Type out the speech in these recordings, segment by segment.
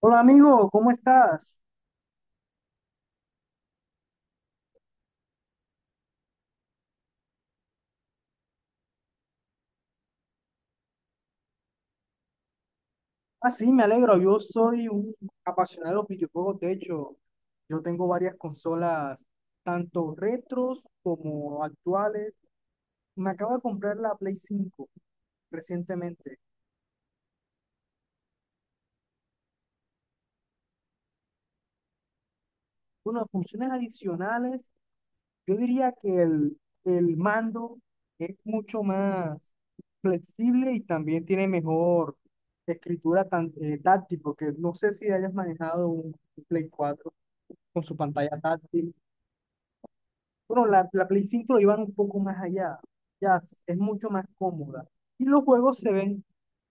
Hola amigo, ¿cómo estás? Ah, sí, me alegro. Yo soy un apasionado de los videojuegos. De hecho, yo tengo varias consolas, tanto retros como actuales. Me acabo de comprar la Play 5 recientemente. Bueno, funciones adicionales, yo diría que el mando es mucho más flexible y también tiene mejor escritura táctil, porque no sé si hayas manejado un Play 4 con su pantalla táctil. Bueno, la Play 5 lo llevan un poco más allá. Ya es mucho más cómoda. Y los juegos se ven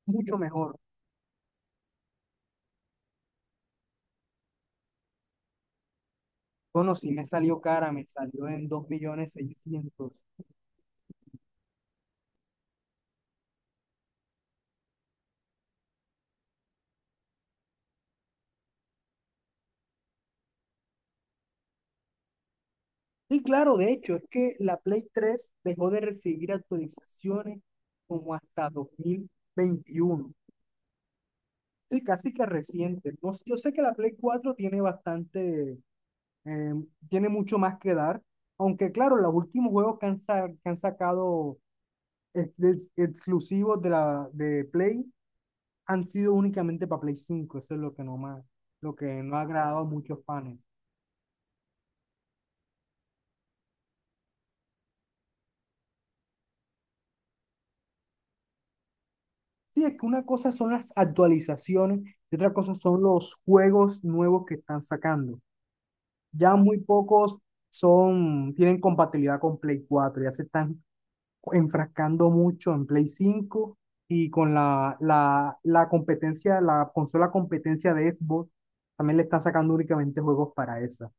mucho mejor. Bueno, sí me salió cara, me salió en 2.600.000. Y claro, de hecho, es que la Play 3 dejó de recibir actualizaciones como hasta 2021. Sí, casi que reciente. No sé, yo sé que la Play 4 tiene bastante, eh, tiene mucho más que dar. Aunque claro, los últimos juegos que han sacado exclusivos de la de Play han sido únicamente para Play 5. Eso es lo que no más, lo que no ha agradado a muchos fans. Sí, es que una cosa son las actualizaciones y otra cosa son los juegos nuevos que están sacando. Ya muy pocos son, tienen compatibilidad con Play 4. Ya se están enfrascando mucho en Play 5 y con la competencia, la consola competencia de Xbox, también le están sacando únicamente juegos para esa.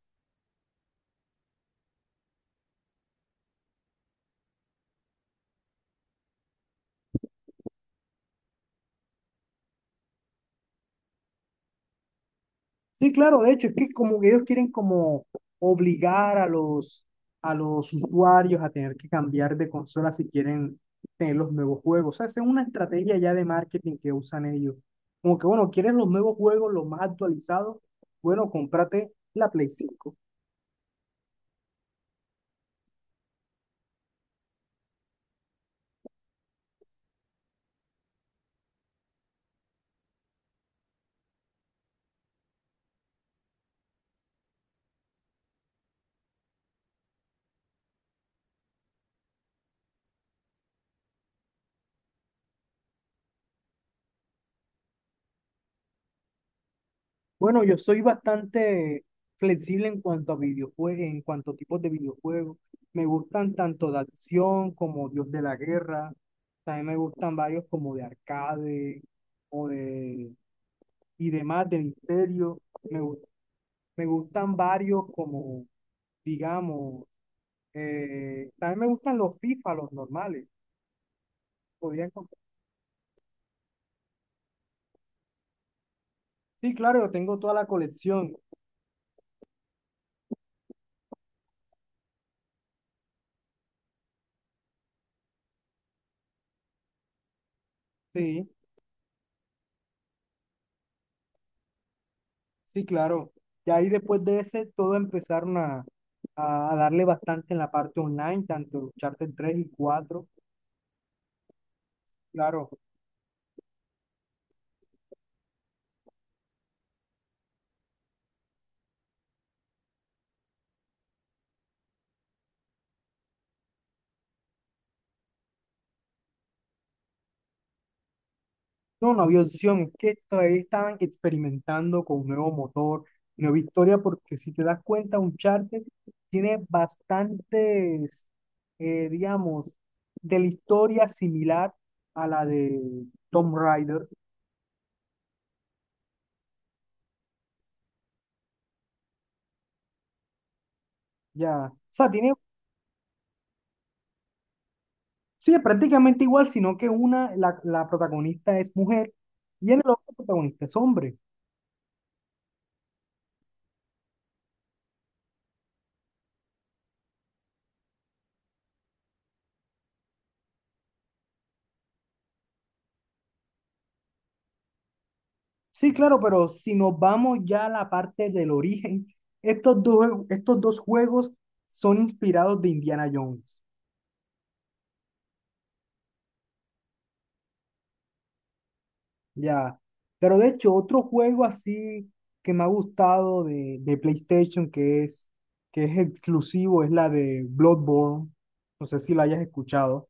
Sí, claro, de hecho, es que como que ellos quieren como obligar a los usuarios a tener que cambiar de consola si quieren tener los nuevos juegos. O sea, esa es una estrategia ya de marketing que usan ellos. Como que, bueno, ¿quieres los nuevos juegos, los más actualizados? Bueno, cómprate la Play 5. Bueno, yo soy bastante flexible en cuanto a videojuegos, en cuanto a tipos de videojuegos. Me gustan tanto de acción como Dios de la Guerra. También me gustan varios como de arcade o de y demás de misterio. Me gustan varios como, digamos, también me gustan los FIFA, los normales. Podrían, com- sí, claro, yo tengo toda la colección. Sí. Sí, claro. Y ahí después de ese, todos empezaron a darle bastante en la parte online, tanto el charter 3 y 4. Claro, no, no había opción, es que todavía estaban experimentando con un nuevo motor, nueva historia, porque si te das cuenta, un charter tiene bastantes, digamos, de la historia similar a la de Tomb Raider, ya. O sea, tiene. Sí, es prácticamente igual, sino que la protagonista es mujer y en el otro protagonista es hombre. Sí, claro, pero si nos vamos ya a la parte del origen, estos dos juegos son inspirados de Indiana Jones, ya. Pero de hecho, otro juego así que me ha gustado de PlayStation, que es exclusivo, es la de Bloodborne. No sé si la hayas escuchado.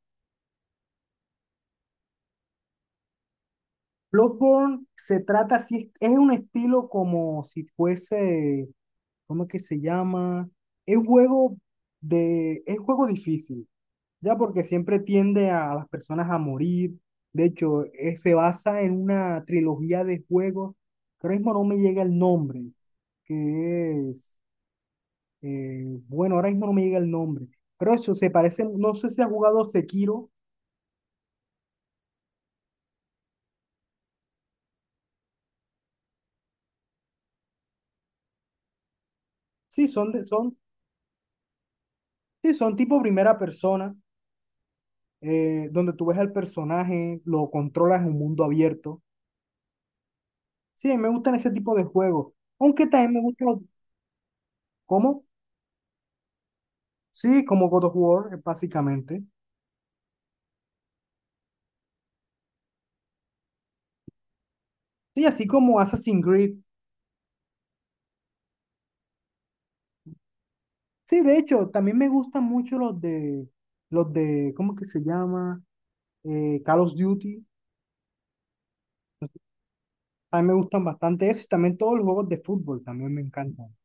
Bloodborne se trata, así, es un estilo como si fuese, ¿cómo es que se llama? Es juego es juego difícil, ya porque siempre tiende a las personas a morir. De hecho, se basa en una trilogía de juegos, que ahora mismo no me llega el nombre, que es, bueno, ahora mismo no me llega el nombre, pero eso se parece, no sé si has jugado Sekiro, sí, sí, son tipo primera persona, donde tú ves al personaje, lo controlas en un mundo abierto. Sí, me gustan ese tipo de juegos. Aunque también me gustan los. ¿Cómo? Sí, como God of War, básicamente. Sí, así como Assassin's Creed. Sí, de hecho, también me gustan mucho los de. Los de. ¿Cómo que se llama? Call of Duty. También me gustan bastante eso. Y también todos los juegos de fútbol también me encantan.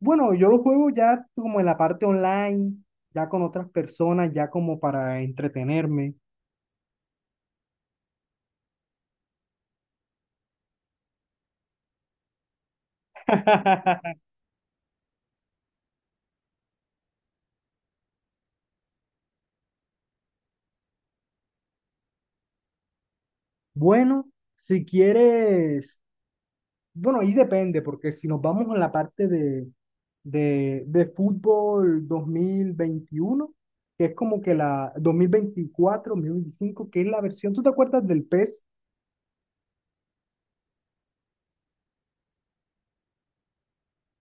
Bueno, yo los juego ya como en la parte online, ya con otras personas, ya como para entretenerme. Bueno, si quieres. Bueno, ahí depende, porque si nos vamos a la parte de fútbol 2021 que es como que la dos 2024 2025 que es la versión, ¿tú te acuerdas del PES?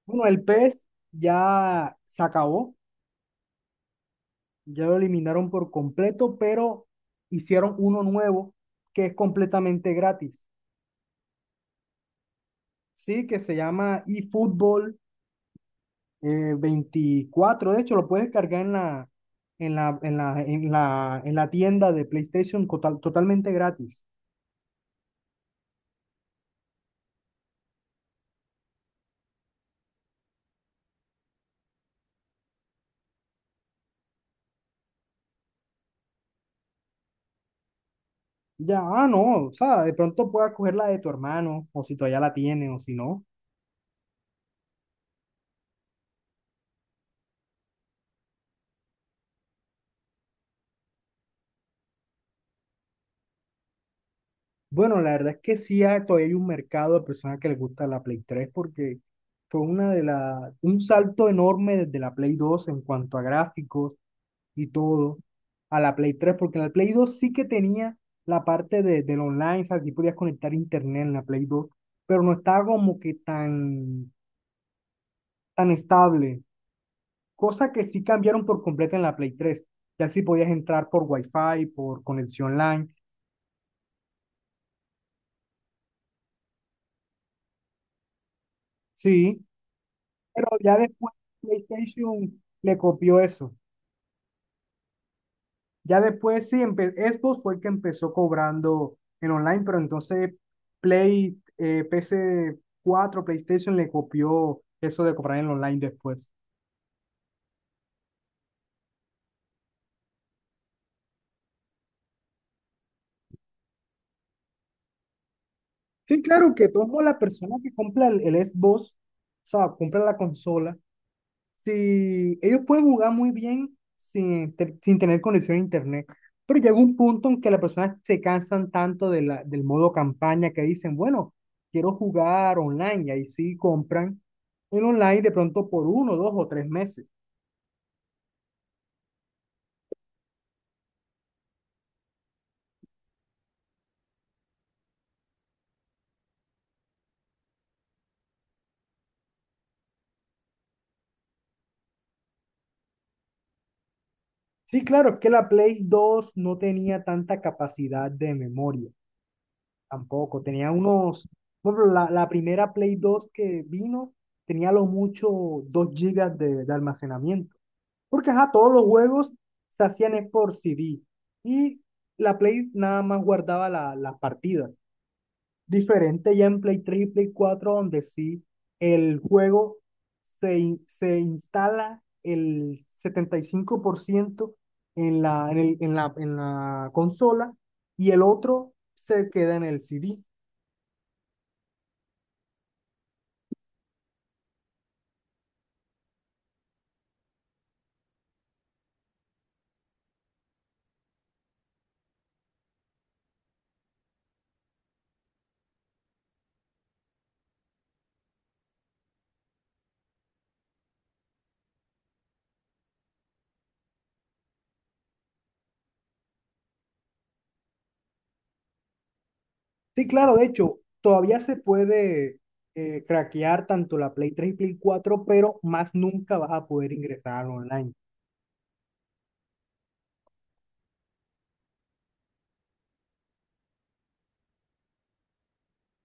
Bueno, el PES ya se acabó, ya lo eliminaron por completo, pero hicieron uno nuevo que es completamente gratis, ¿sí? Que se llama eFootball 24. De hecho, lo puedes cargar en la, en la, en la, en la, en la tienda de PlayStation totalmente gratis. Ya, ah, no, o sea, de pronto puedas coger la de tu hermano, o si todavía la tiene, o si no. Bueno, la verdad es que sí, todavía hay un mercado de personas que les gusta la Play 3 porque fue un salto enorme desde la Play 2 en cuanto a gráficos y todo a la Play 3 porque en la Play 2 sí que tenía la parte del online, o sea, sí podías conectar internet en la Play 2 pero no estaba como que tan, tan estable, cosa que sí cambiaron por completo en la Play 3. Ya sí podías entrar por Wi-Fi, por conexión LAN, sí, pero ya después PlayStation le copió eso. Ya después sí, Xbox fue el que empezó cobrando en online, pero entonces PS4, PlayStation le copió eso de cobrar en online después. Sí, claro que todo la persona que compra el Xbox, o sea, compra la consola, si ellos pueden jugar muy bien sin tener conexión a internet, pero llega un punto en que las personas se cansan tanto del modo campaña que dicen, bueno, quiero jugar online y ahí sí compran en online de pronto por 1, 2 o 3 meses. Sí, claro, es que la Play 2 no tenía tanta capacidad de memoria. Tampoco, tenía unos, bueno, pero la primera Play 2 que vino tenía a lo mucho 2 gigas de almacenamiento. Porque ajá, todos los juegos se hacían es por CD y la Play nada más guardaba las partidas. Diferente ya en Play 3 y Play 4 donde sí el juego se instala el 75% en la consola y el otro se queda en el CD. Sí, claro, de hecho, todavía se puede craquear tanto la Play 3, y Play 4, pero más nunca vas a poder ingresar online.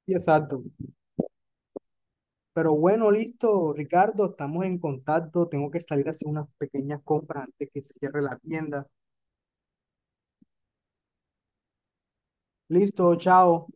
Sí, exacto. Pero bueno, listo, Ricardo, estamos en contacto. Tengo que salir a hacer unas pequeñas compras antes que cierre la tienda. Listo, chao.